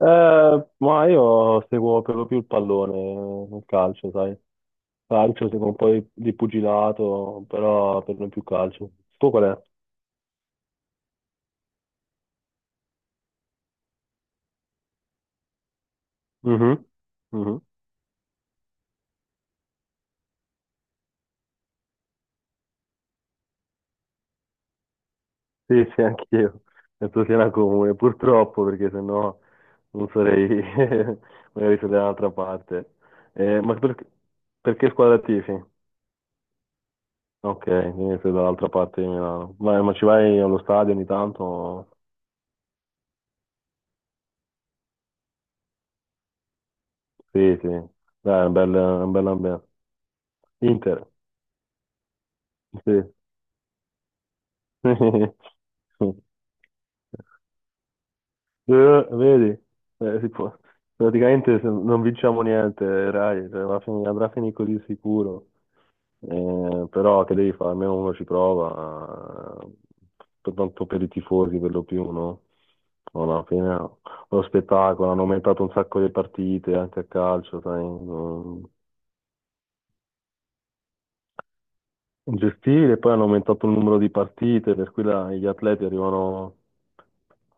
Ma io seguo per lo più il pallone, il calcio, sai. Calcio, seguo un po' di pugilato, però per lo più calcio. Tu qual è? Mhm, mhm. Sì, sì, anch'io. Penso sia una comune, purtroppo, perché sennò non sarei, magari sarei dall'altra parte. Ma perché squadra tifi? Ok, quindi sei dall'altra parte di Milano. Ma ci vai allo stadio ogni tanto? Sì, sì. Dai, è un bel ambiente. Inter, sì. Vedi, Eh, si può- praticamente se non vinciamo niente, Rai, cioè, andrà a finire così, sicuro. Però che devi fare, almeno uno ci prova, per tanto per i tifosi, per lo più, no? No, no. Alla fine è uno spettacolo, hanno aumentato un sacco le partite anche a calcio, sai? Gestire, poi hanno aumentato il numero di partite, per cui gli atleti arrivano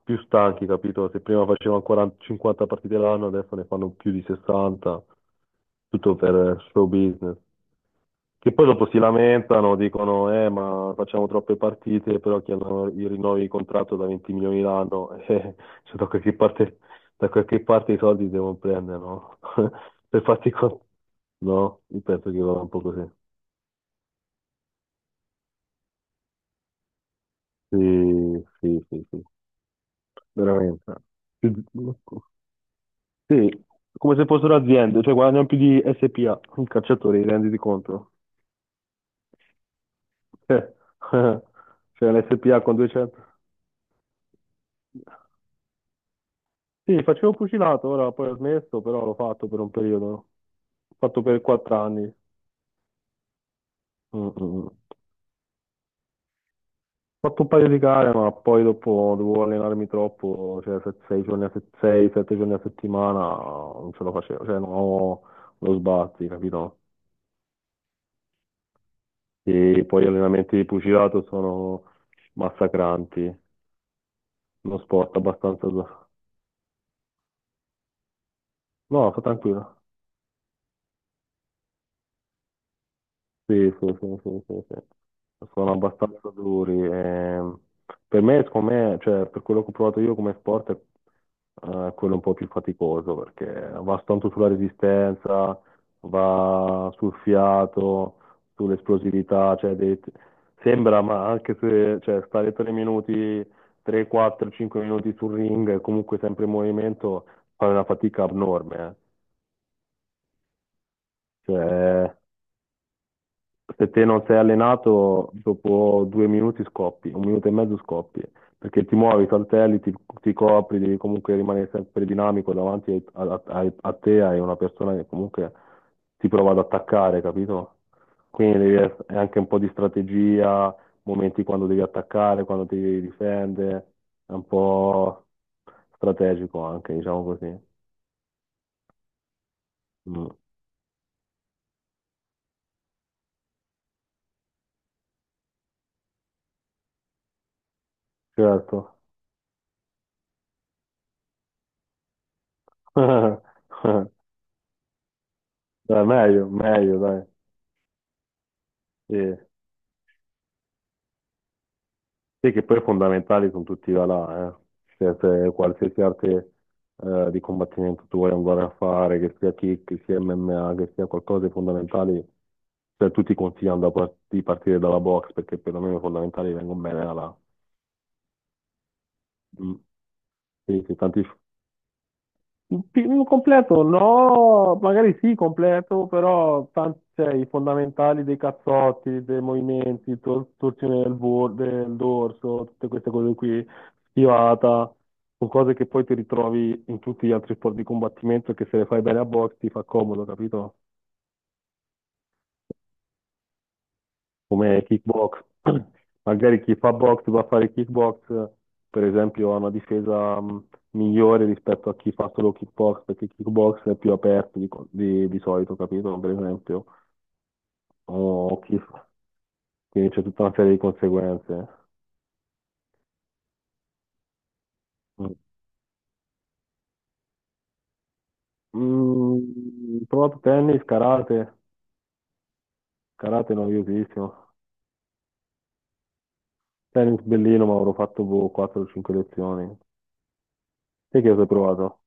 più stanchi, capito? Se prima facevano 40, 50 partite l'anno, adesso ne fanno più di 60, tutto per show business. Che poi dopo si lamentano, dicono, ma facciamo troppe partite, però chi hanno i rinnovi di contratto da 20 milioni l'anno, cioè da qualche parte i soldi devono prendere, no? Per farti con... No, io penso che vada un po' così. Sì, sì, sì, sì, veramente. Più- Sì, come se fossero aziende, cioè guadagnano più di SPA, i calciatori, renditi conto. Cioè, cioè l'SPA con 200. Sì, facevo pugilato, ora poi ho smesso, però l'ho fatto per un periodo. L'ho fatto per 4 anni. Mm, mm. Mm. Ho fatto un paio di gare, ma poi dopo dovevo allenarmi troppo, cioè sei giorni a 6, 7 giorni a settimana non ce la facevo, cioè no, lo sbatti, capito? Sì, poi gli allenamenti di pugilato sono massacranti, uno sport abbastanza... No, sta tranquillo. Sì, sì, sì, sì, sì, sì. Sono abbastanza duri. Per me, secondo me, cioè, per quello che ho provato io come sport, è quello un po' più faticoso, perché va tanto sulla resistenza, va sul fiato, sull'esplosività, cioè, sembra, ma anche se cioè, stare 3 minuti, 3, 4, 5 minuti sul ring, comunque sempre in movimento, fa una fatica abnorme. Cioè, se te non sei allenato, dopo 2 minuti scoppi, un minuto e mezzo scoppi, perché ti muovi, saltelli, ti copri, devi comunque rimanere sempre dinamico davanti a te, hai una persona che comunque ti prova ad attaccare, capito? Quindi è anche un po' di strategia, momenti quando devi attaccare, quando ti devi difendere, è un po' strategico anche, diciamo così. Mm. Certo. Dai, meglio, meglio, dai. Sì. Sì, che poi fondamentali sono tutti i là, eh. Cioè, se qualsiasi arte di combattimento tu vuoi andare a fare, che sia kick, che sia MMA, che sia qualcosa di fondamentale, cioè, tutti consigliano di partire dalla box perché perlomeno i fondamentali vengono bene da là. Mm. Sì, sì, completo, no, magari sì, completo, però cioè, i fondamentali dei cazzotti, dei movimenti, torsione del dorso, tutte queste cose qui, schivata, sono cose che poi ti ritrovi in tutti gli altri sport di combattimento e che se le fai bene a box ti fa comodo, capito? Come kickbox. Magari chi fa box va a fare kickbox, per esempio, ha una difesa migliore rispetto a chi fa solo kickbox, perché kickbox è più aperto di solito, capito? Per esempio, o chi fa- quindi c'è tutta una serie di conseguenze. Mm. Ho provato tennis, karate, karate noiosissimo. Tennis bellino, ma avrò fatto boh, 4-5 lezioni. Te che cosa hai provato?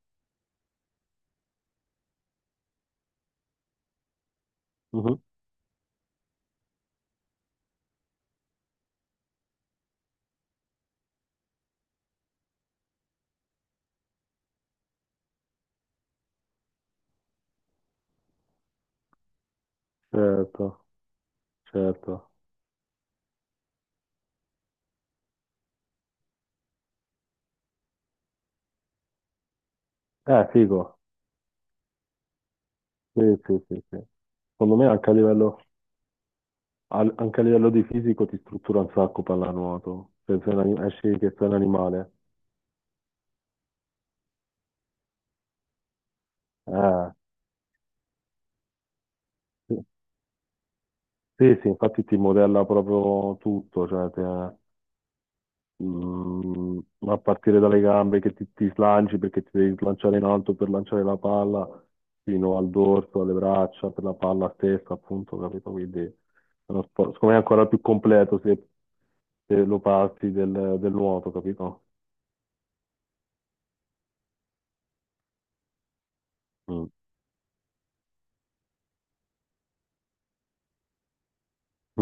Mhm. Certo, certo. Figo. Sì, sì, sì, sì. Secondo me anche a livello di fisico ti struttura un sacco pallanuoto. Se sei esci che sei un animale. Eh, sì, sì, sì, infatti ti modella proprio tutto, cioè mm, a partire dalle gambe che ti slanci perché ti devi slanciare in alto per lanciare la palla, fino al dorso, alle braccia, per la palla stessa, appunto, capito? Quindi è uno sport, secondo me è ancora più completo se lo passi del nuoto, capito? Mm.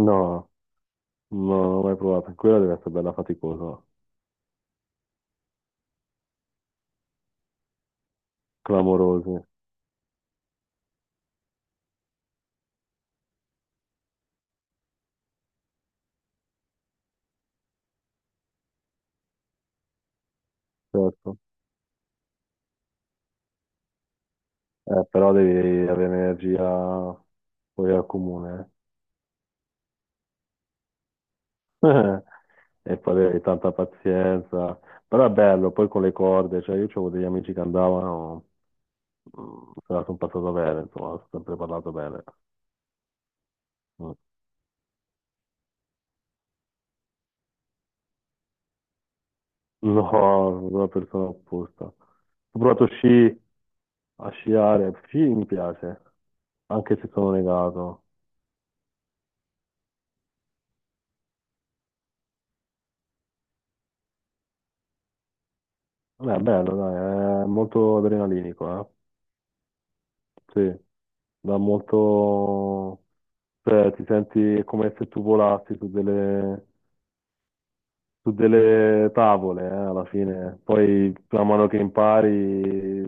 No, no, non l'ho mai provato. Quella deve essere bella faticosa, clamorosa, certo. Però devi avere energia poi al comune. eh. E poi avevi tanta pazienza. Però è bello, poi con le corde, cioè io avevo degli amici che andavano, se la sono passata bene, insomma, ho sempre parlato bene. Mm. No, sono una persona opposta. Ho provato sci, a sciare, sci mi piace, anche se sono negato. Beh, bello, dai, è molto adrenalinico, eh? Sì, dà molto... Cioè, ti senti come se tu volassi su delle tavole, alla fine. Poi man mano che impari,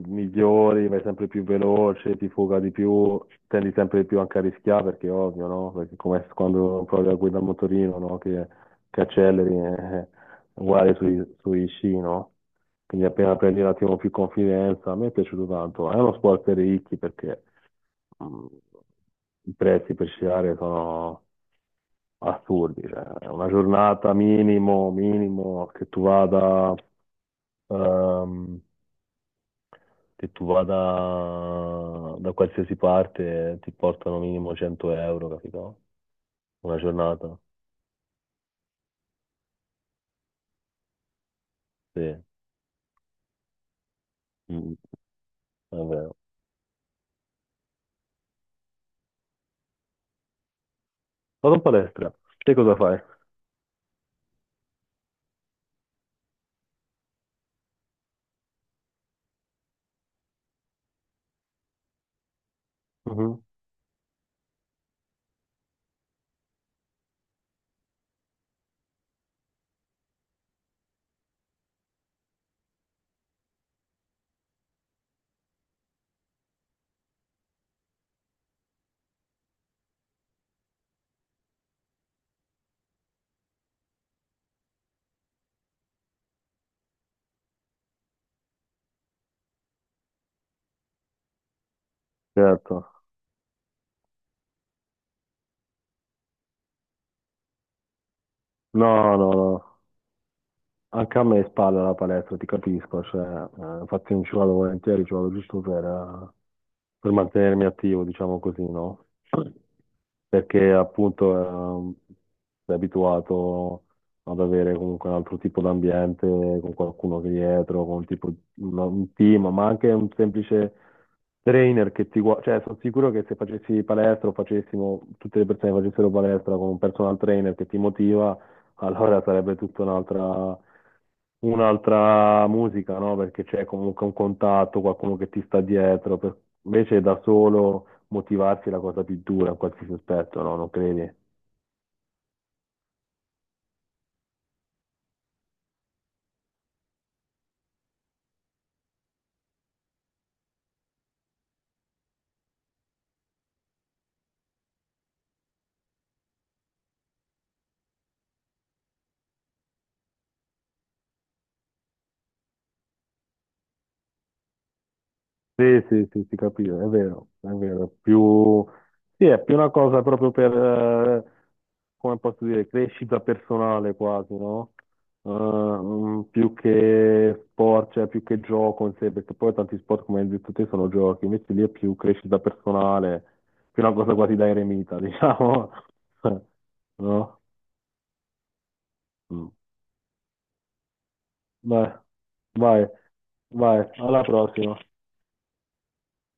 migliori, vai sempre più veloce, ti fuga di più, tendi sempre di più anche a rischiare, perché è ovvio, no? Perché come quando provi a guidare un motorino, no? Che acceleri, uguale sui sci, no? Quindi appena prendi un attimo più confidenza, a me è piaciuto tanto. È uno sport per ricchi perché Mm, I prezzi per sciare sono assurdi, cioè, una giornata minimo, minimo, ehm, che tu vada da qualsiasi parte ti portano minimo 100 euro, capito? Una giornata, sì. Mm. È vero. Vado in palestra, te cosa fai? Mhm. Certo. No, no, no. Anche a me spalla la palestra, ti capisco, cioè, infatti non ci vado volentieri, ci vado giusto per mantenermi attivo, diciamo così, no? Perché appunto sei abituato ad avere comunque un altro tipo d'ambiente, con qualcuno che è dietro, con un tipo, un team, ma anche un semplice trainer che ti guarda, cioè sono sicuro che se facessi palestra o facessimo, tutte le persone che facessero palestra con un personal trainer che ti motiva, allora sarebbe tutta un'altra musica, no? Perché c'è comunque un contatto, qualcuno che ti sta dietro. Invece da solo motivarsi è la cosa più dura in qualsiasi aspetto, no? Non credi? Sì, sì, sì, si capisce, è vero, è vero. Più... Sì, è più una cosa proprio per, eh, come posso dire, crescita personale quasi, no? Più che sport, cioè più che gioco in sé, perché poi tanti sport, come hai detto te, sono giochi, invece lì è più crescita personale, più una cosa quasi da eremita, diciamo, no? Mm. Vai, vai, vai, alla prossima.